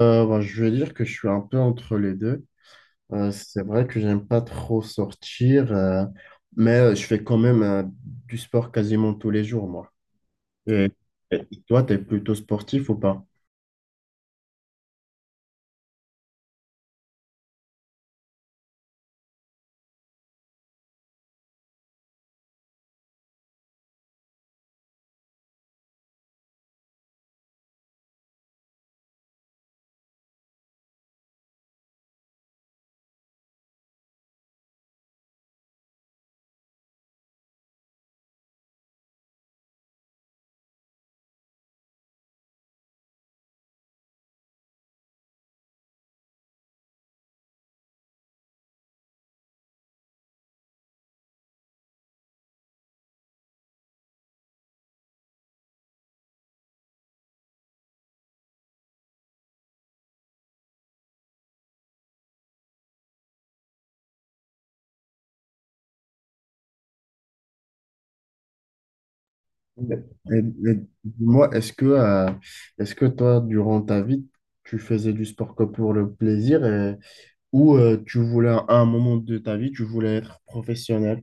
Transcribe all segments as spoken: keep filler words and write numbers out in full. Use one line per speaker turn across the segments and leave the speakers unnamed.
Euh, bah, je vais dire que je suis un peu entre les deux. Euh, c'est vrai que j'aime pas trop sortir, euh, mais euh, je fais quand même euh, du sport quasiment tous les jours, moi. Et, et toi, tu es plutôt sportif ou pas? Ouais. Et, et moi, est-ce que, euh, est-ce que toi, durant ta vie, tu faisais du sport que pour le plaisir et- ou euh, tu voulais, à un moment de ta vie, tu voulais être professionnel?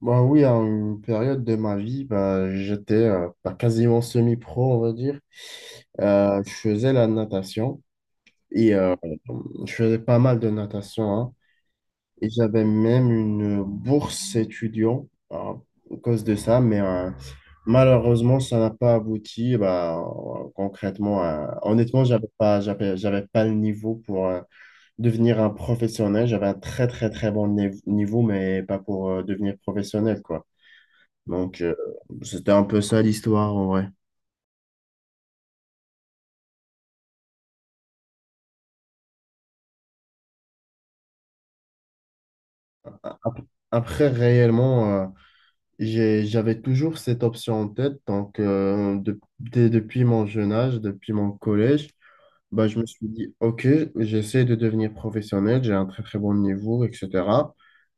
Bah oui, à une période de ma vie, bah, j'étais euh, bah, quasiment semi-pro, on va dire. Euh, je faisais la natation et euh, je faisais pas mal de natation, hein. Et j'avais même une bourse étudiant euh, à cause de ça, mais euh, malheureusement, ça n'a pas abouti. Bah, euh, concrètement, euh, honnêtement, j'avais pas, j'avais, j'avais pas le niveau pour euh, devenir un professionnel. J'avais un très, très, très bon niv- niveau, mais pas pour euh, devenir professionnel, quoi. Donc, euh, c'était un peu ça l'histoire en vrai. Après, réellement, euh, j'ai- j'avais toujours cette option en tête. Donc, euh, de- dès- depuis mon jeune âge, depuis mon collège, bah, je me suis dit, OK, j'essaie de devenir professionnel, j'ai un très très bon niveau, et cetera.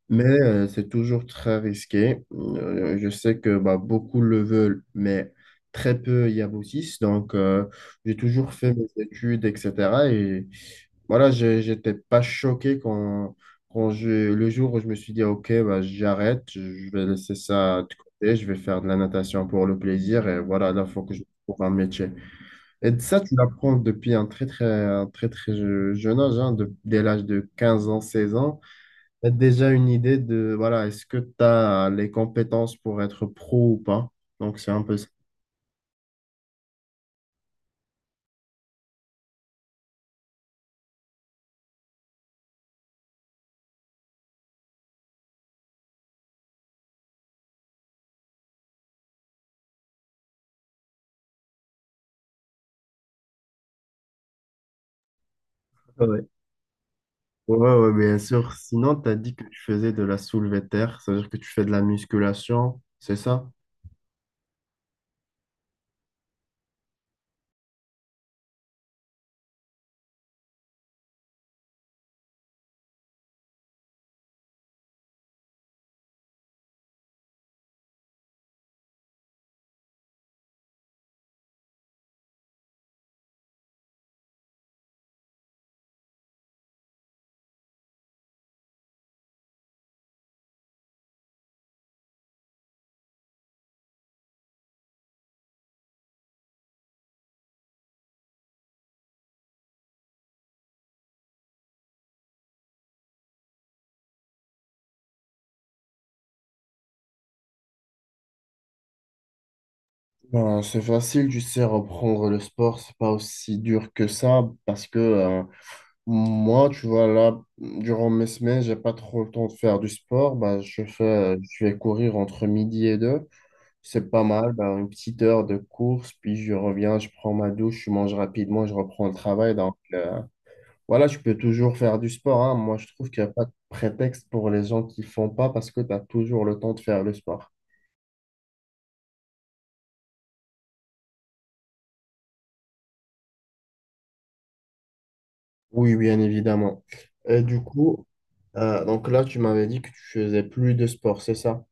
Mais euh, c'est toujours très risqué. Euh, je sais que bah, beaucoup le veulent, mais très peu y aboutissent. Donc, euh, j'ai toujours fait mes études, et cetera. Et voilà, je n'étais pas choqué quand, quand je, le jour où je me suis dit, OK, bah, j'arrête, je vais laisser ça de côté, je vais faire de la natation pour le plaisir et voilà, là, il faut que je trouve un métier. Et ça, tu l'apprends depuis un très, très, un très, très je- jeune âge, hein, de- dès l'âge de quinze ans, seize ans. Tu as déjà une idée de, voilà, est-ce que tu as les compétences pour être pro ou pas? Donc, c'est un peu ça. Ouais, ouais, bien sûr. Sinon, tu as dit que tu faisais de la soulevée de terre, c'est-à-dire que tu fais de la musculation, c'est ça? Ben, c'est facile, tu sais, reprendre le sport, c'est pas aussi dur que ça, parce que euh, moi, tu vois, là, durant mes semaines, j'ai pas trop le temps de faire du sport, ben, je fais, je vais courir entre midi et deux, c'est pas mal, ben, une petite heure de course, puis je reviens, je prends ma douche, je mange rapidement, je reprends le travail, donc euh, voilà, tu peux toujours faire du sport, hein. Moi, je trouve qu'il n'y a pas de prétexte pour les gens qui font pas parce que tu as toujours le temps de faire le sport. Oui, bien évidemment. Et du coup, euh, donc là, tu m'avais dit que tu faisais plus de sport, c'est ça?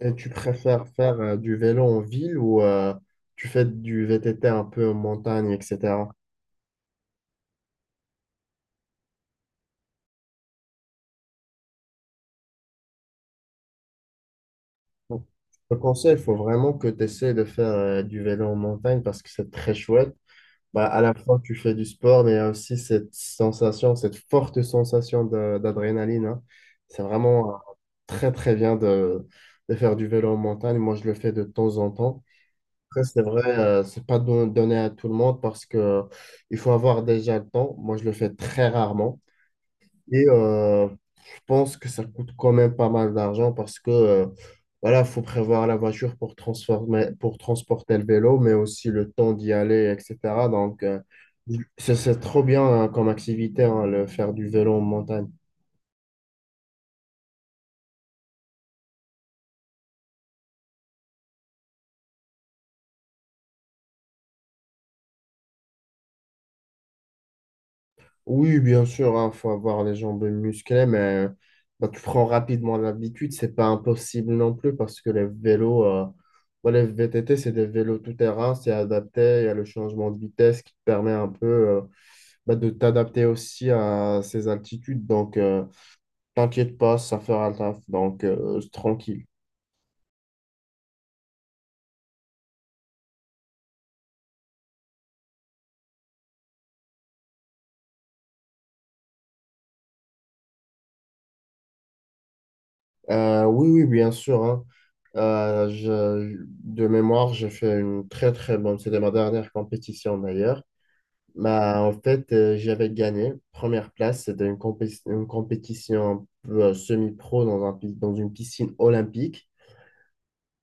Et tu préfères faire euh, du vélo en ville ou euh, tu fais du V T T un peu en montagne, et cetera. Bon. Je te conseille, il faut vraiment que tu essaies de faire euh, du vélo en montagne parce que c'est très chouette. Bah, à la fois, tu fais du sport, mais il y a aussi cette sensation, cette forte sensation de- d'adrénaline, hein. C'est vraiment euh, très, très bien de, de faire du vélo en montagne. Moi, je le fais de temps en temps. Après, c'est vrai, euh, c'est pas don- donné à tout le monde parce que euh, il faut avoir déjà le temps. Moi, je le fais très rarement. Et euh, je pense que ça coûte quand même pas mal d'argent parce que euh, voilà, faut prévoir la voiture pour transformer, pour transporter le vélo, mais aussi le temps d'y aller, et cetera. Donc, euh, c'est c'est trop bien hein, comme activité, hein, le faire du vélo en montagne. Oui, bien sûr, il faut avoir les jambes musclées, mais euh, bah, tu prends rapidement l'habitude. C'est pas impossible non plus parce que les vélos, euh, bah, les V T T, c'est des vélos tout-terrain, c'est adapté. Il y a le changement de vitesse qui te permet un peu, euh, bah, de t'adapter aussi à ces altitudes. Donc, euh, t'inquiète pas, ça fera le taf. Donc, euh, tranquille. Euh, oui, oui, bien sûr, hein. Euh, je- de mémoire, j'ai fait une très, très bonne. C'était ma dernière compétition d'ailleurs. Bah, en fait, euh, j'avais gagné. Première place, c'était une, compé- une compétition un peu, euh, semi-pro dans un, pi- dans une piscine olympique.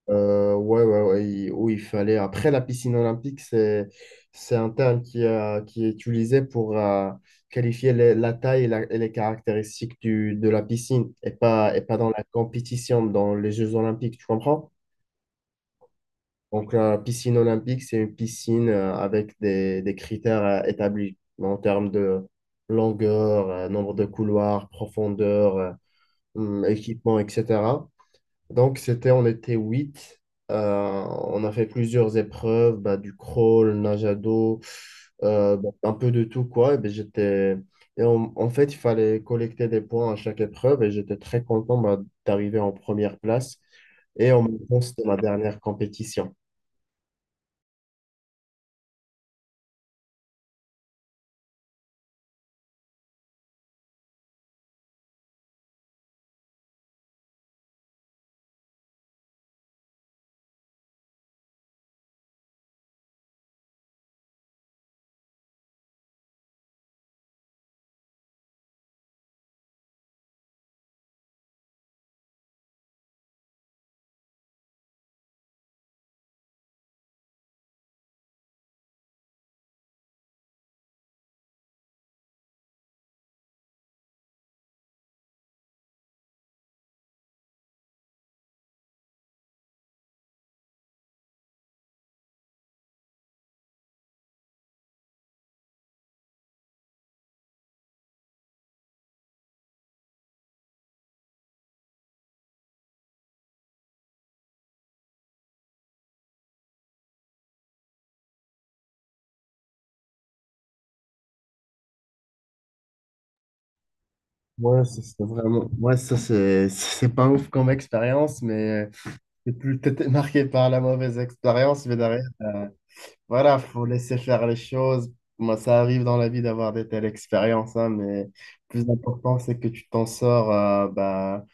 Euh, ouais, ouais, ouais, il- où il fallait. Après, la piscine olympique, c'est, c'est un terme qui, euh, qui est utilisé pour euh, qualifier les- la taille et, la- et les caractéristiques du, de la piscine et pas, et pas dans la compétition, dans les Jeux olympiques, tu comprends? Donc, la piscine olympique, c'est une piscine euh, avec des, des critères euh, établis en termes de longueur, euh, nombre de couloirs, profondeur, euh, hum, équipement, et cetera. Donc, c'était, on était huit. Euh, on a fait plusieurs épreuves, bah, du crawl, nage à dos, euh, bah, un peu de tout, quoi. Et ben, j'étais... et en, en fait, il fallait collecter des points à chaque épreuve et j'étais très content bah, d'arriver en première place. Et en même temps, c'était ma dernière compétition. Ouais, ça, c'est vraiment... ouais, ça, c'est c'est pas ouf comme expérience, mais c'est plus... t'étais marqué par la mauvaise expérience, mais derrière. Voilà, faut laisser faire les choses. Moi, ça arrive dans la vie d'avoir des telles expériences, hein, mais le plus important, c'est que tu t'en sors euh, bah,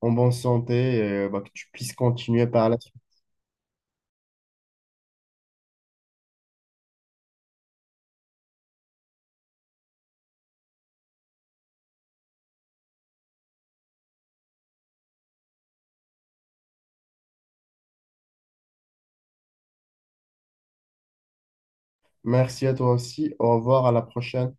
en bonne santé et euh, bah, que tu puisses continuer par la suite. Merci à toi aussi. Au revoir, à la prochaine.